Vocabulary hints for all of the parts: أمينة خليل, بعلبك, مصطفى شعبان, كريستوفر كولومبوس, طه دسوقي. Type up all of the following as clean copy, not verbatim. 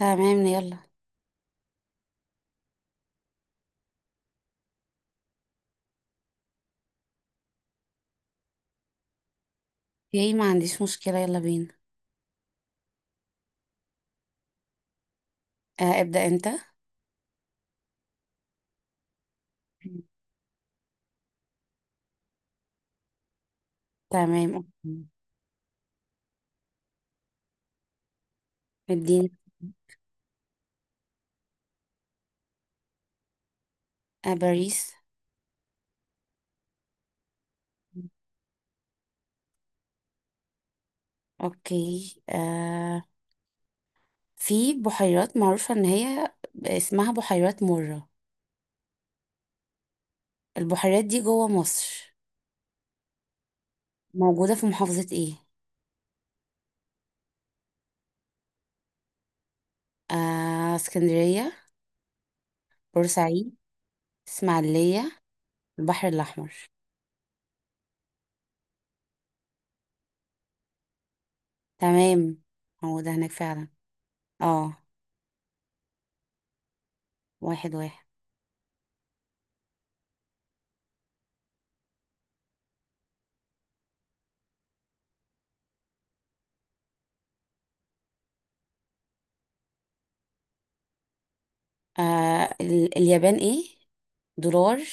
تمام، يلا. اوكي، ما عنديش مشكلة، يلا بينا. آه، ابدأ انت. تمام، اوكي. مدينة. آه، باريس. اوكي. في بحيرات معروفة ان هي اسمها بحيرات مرة. البحيرات دي جوه مصر، موجودة في محافظة ايه؟ اسكندرية، بورسعيد، اسماعيلية، البحر الأحمر. تمام، موجودة هناك فعلا. اه. واحد واحد. آه ال اليابان ايه؟ دولار.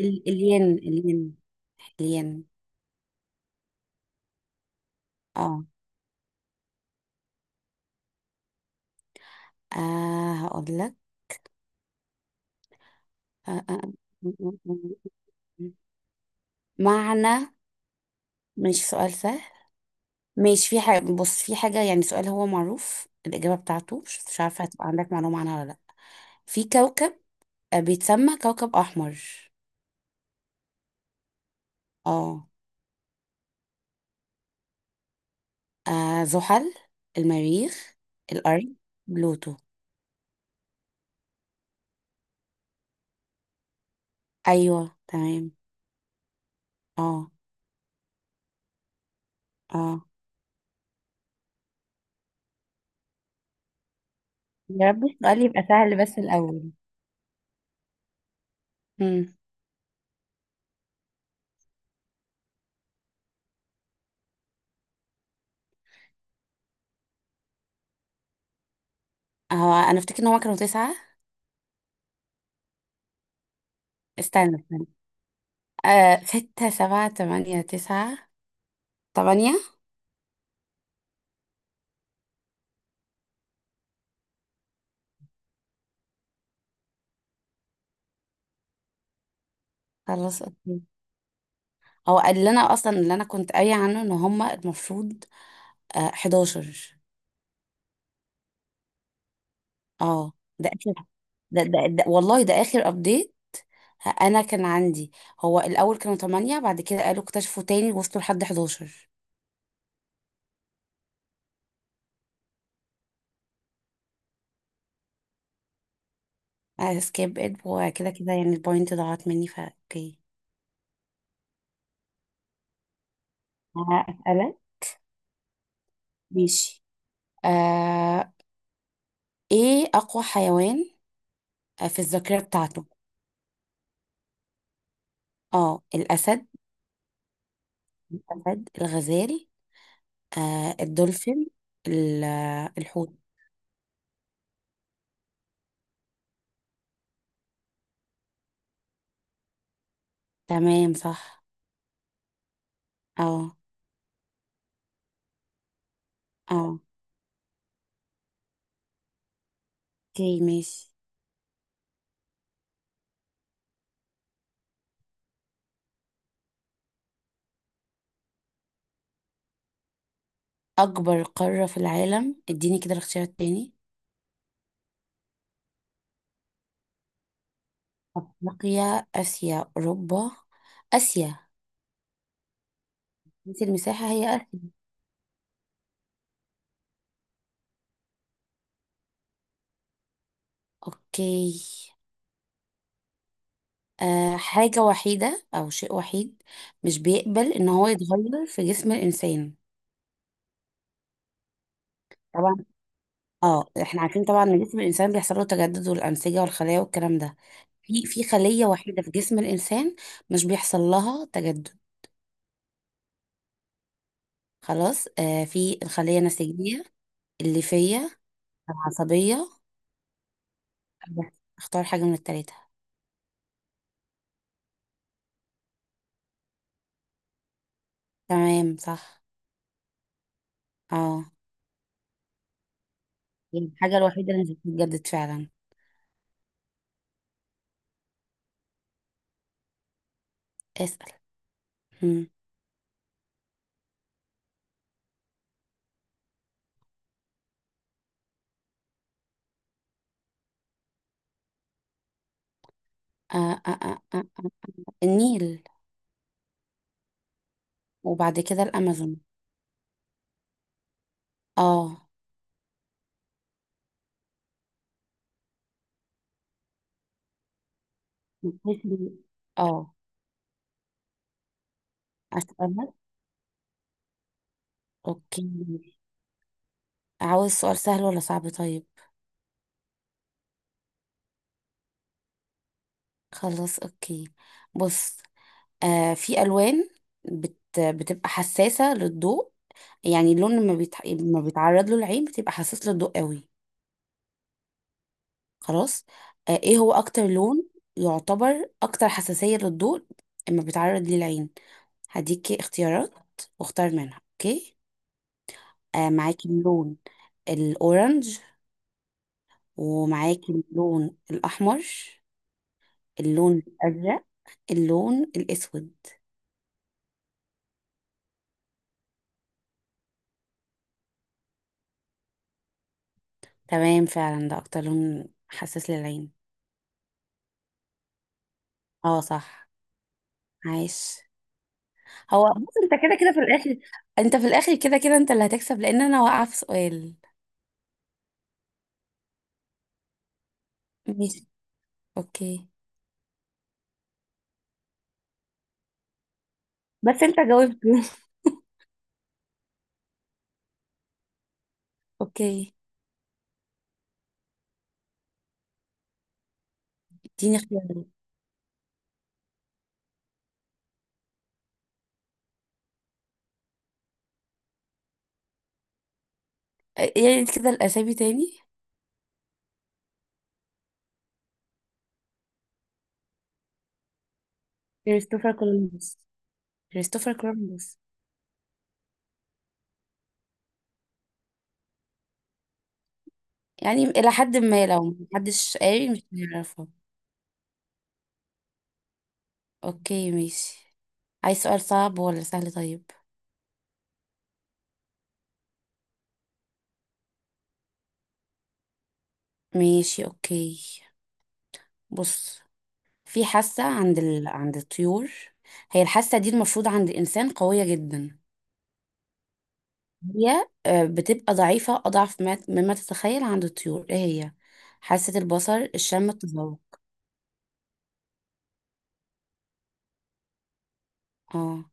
الين. الين. اه. هقول لك. آه آه. معنى. مش سؤال سهل. مش في حاجة. بص، في حاجة يعني سؤال هو معروف الإجابة بتاعته، مش عارفة هتبقى عندك معلومة عنها ولا لأ. في كوكب، بيتسمى كوكب أحمر. اه. زحل، المريخ، الأرض، بلوتو. أيوه تمام. اه. اه، يا رب السؤال يبقى سهل بس الأول. مم. هو أنا أفتكر إن هما كانوا تسعة. استنى استنى. آه، ستة سبعة تمانية تسعة. تمانية. خلاص اوكي. هو اللي انا اصلا اللي انا كنت قايله عنه ان هما المفروض 11. اه، ده اخر. ده والله ده اخر ابديت. انا كان عندي، هو الاول كانوا 8 بعد كده قالوا اكتشفوا تاني وصلوا لحد 11. سكيب ات، وكده كده يعني البوينت ضاعت مني، فا اوكي. هسألك. ماشي. آه، ايه اقوى حيوان، في الذاكرة بتاعته؟ اه الاسد. الأسد، الغزال، الدولفين، الحوت. تمام صح. اه. اه، اوكي ماشي. أكبر قارة في العالم؟ اديني كده الاختيار التاني. أفريقيا، آسيا، أوروبا. آسيا. بس المساحة هي آسيا. اوكي. حاجة وحيدة أو شيء وحيد مش بيقبل إن هو يتغير في جسم الإنسان. طبعا. اه، احنا عارفين طبعا ان جسم الإنسان بيحصل له تجدد، والأنسجة والخلايا والكلام ده. في خلية وحيدة في جسم الإنسان مش بيحصل لها تجدد. خلاص. في الخلية النسيجية، الليفية، العصبية. اختار حاجة من التلاتة. تمام صح. اه. هي الحاجة الوحيدة اللي مش بتتجدد فعلا. اسأل. مم. آه آه آه آه. آه. النيل. وبعد كده الأمازون. اه. بتحسي- اه. أسألك. اوكي. عاوز سؤال سهل ولا صعب طيب؟ خلاص اوكي. بص، في ألوان بتبقى حساسة للضوء، يعني اللون لما لما بيتعرض له العين بتبقى حساس للضوء قوي. خلاص. ايه هو أكتر لون يعتبر أكتر حساسية للضوء لما بيتعرض ليه العين؟ هديكي اختيارات واختار منها، اوكي. معاكي اللون الأورنج، ومعاكي اللون الأحمر، اللون الأزرق، اللون الأسود. تمام، فعلا ده أكتر لون حساس للعين. اه صح. عايش. هو بص، انت كده كده في الاخر، انت في الاخر كده كده انت اللي هتكسب، لان انا واقعه في سؤال. ماشي اوكي. بس انت جاوبت. اوكي. اديني اختيارات. اه، يعني كده الاسامي تاني. كريستوفر كولومبوس. كريستوفر كولومبوس. يعني الى حد ما لو محدش قاري مش هنعرفها. اوكي ماشي. عايز سؤال صعب ولا سهل طيب؟ ماشي اوكي. بص، في حاسة عند الطيور، هي الحاسة دي المفروض عند الإنسان قوية جدا. هي بتبقى ضعيفة أضعف مما تتخيل عند الطيور. إيه هي؟ حاسة البصر، الشم، التذوق. اه.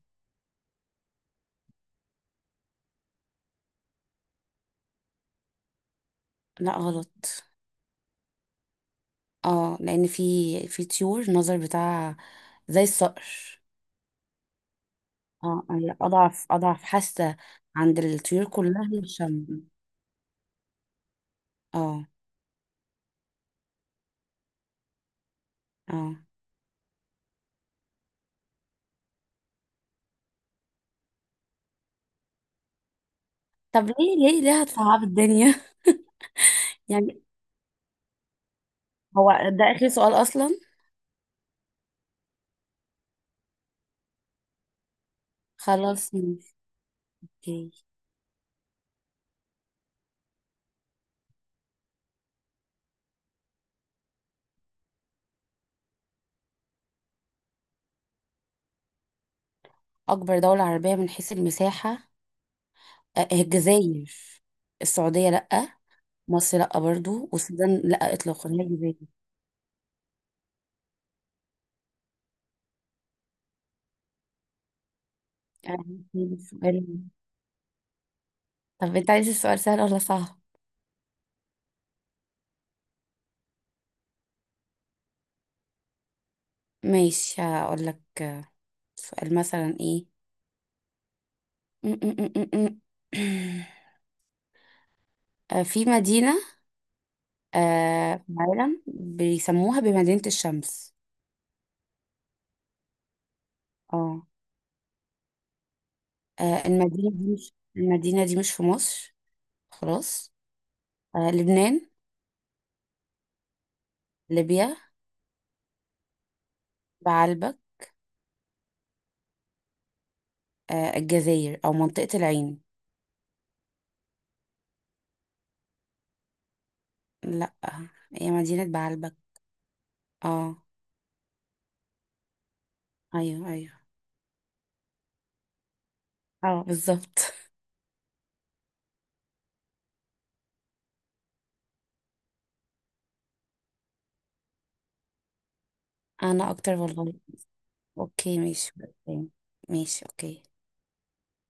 لا غلط. اه، لأن في، في طيور النظر بتاعها زي الصقر. اه، هي أضعف أضعف حاسة عند الطيور كلها هي الشم. اه. اه. طب، ليه ليه ليه هتصعب الدنيا؟ يعني. هو ده آخر سؤال أصلا. خلاص ماشي. أوكي. أكبر دولة عربية من حيث المساحة؟ الجزائر. السعودية لأ، مصر لأ برضو، والسودان لأ إطلاقا، هي جزائر. أنا عايزة السؤال. طب أنت عايز السؤال سهل ولا صعب؟ ماشي، هقول لك. سؤال مثلا إيه؟ م- م- م- م- م. في مدينة في العالم بيسموها بمدينة الشمس. اه. المدينة دي مش، المدينة دي مش في مصر. خلاص. لبنان، ليبيا، بعلبك، الجزائر أو منطقة العين. لأ، هي مدينة بعلبك. اه. أيوه أيوه. اه بالظبط. انا اكتر والله. اوكي ماشي اوكي. ماشي اوكي.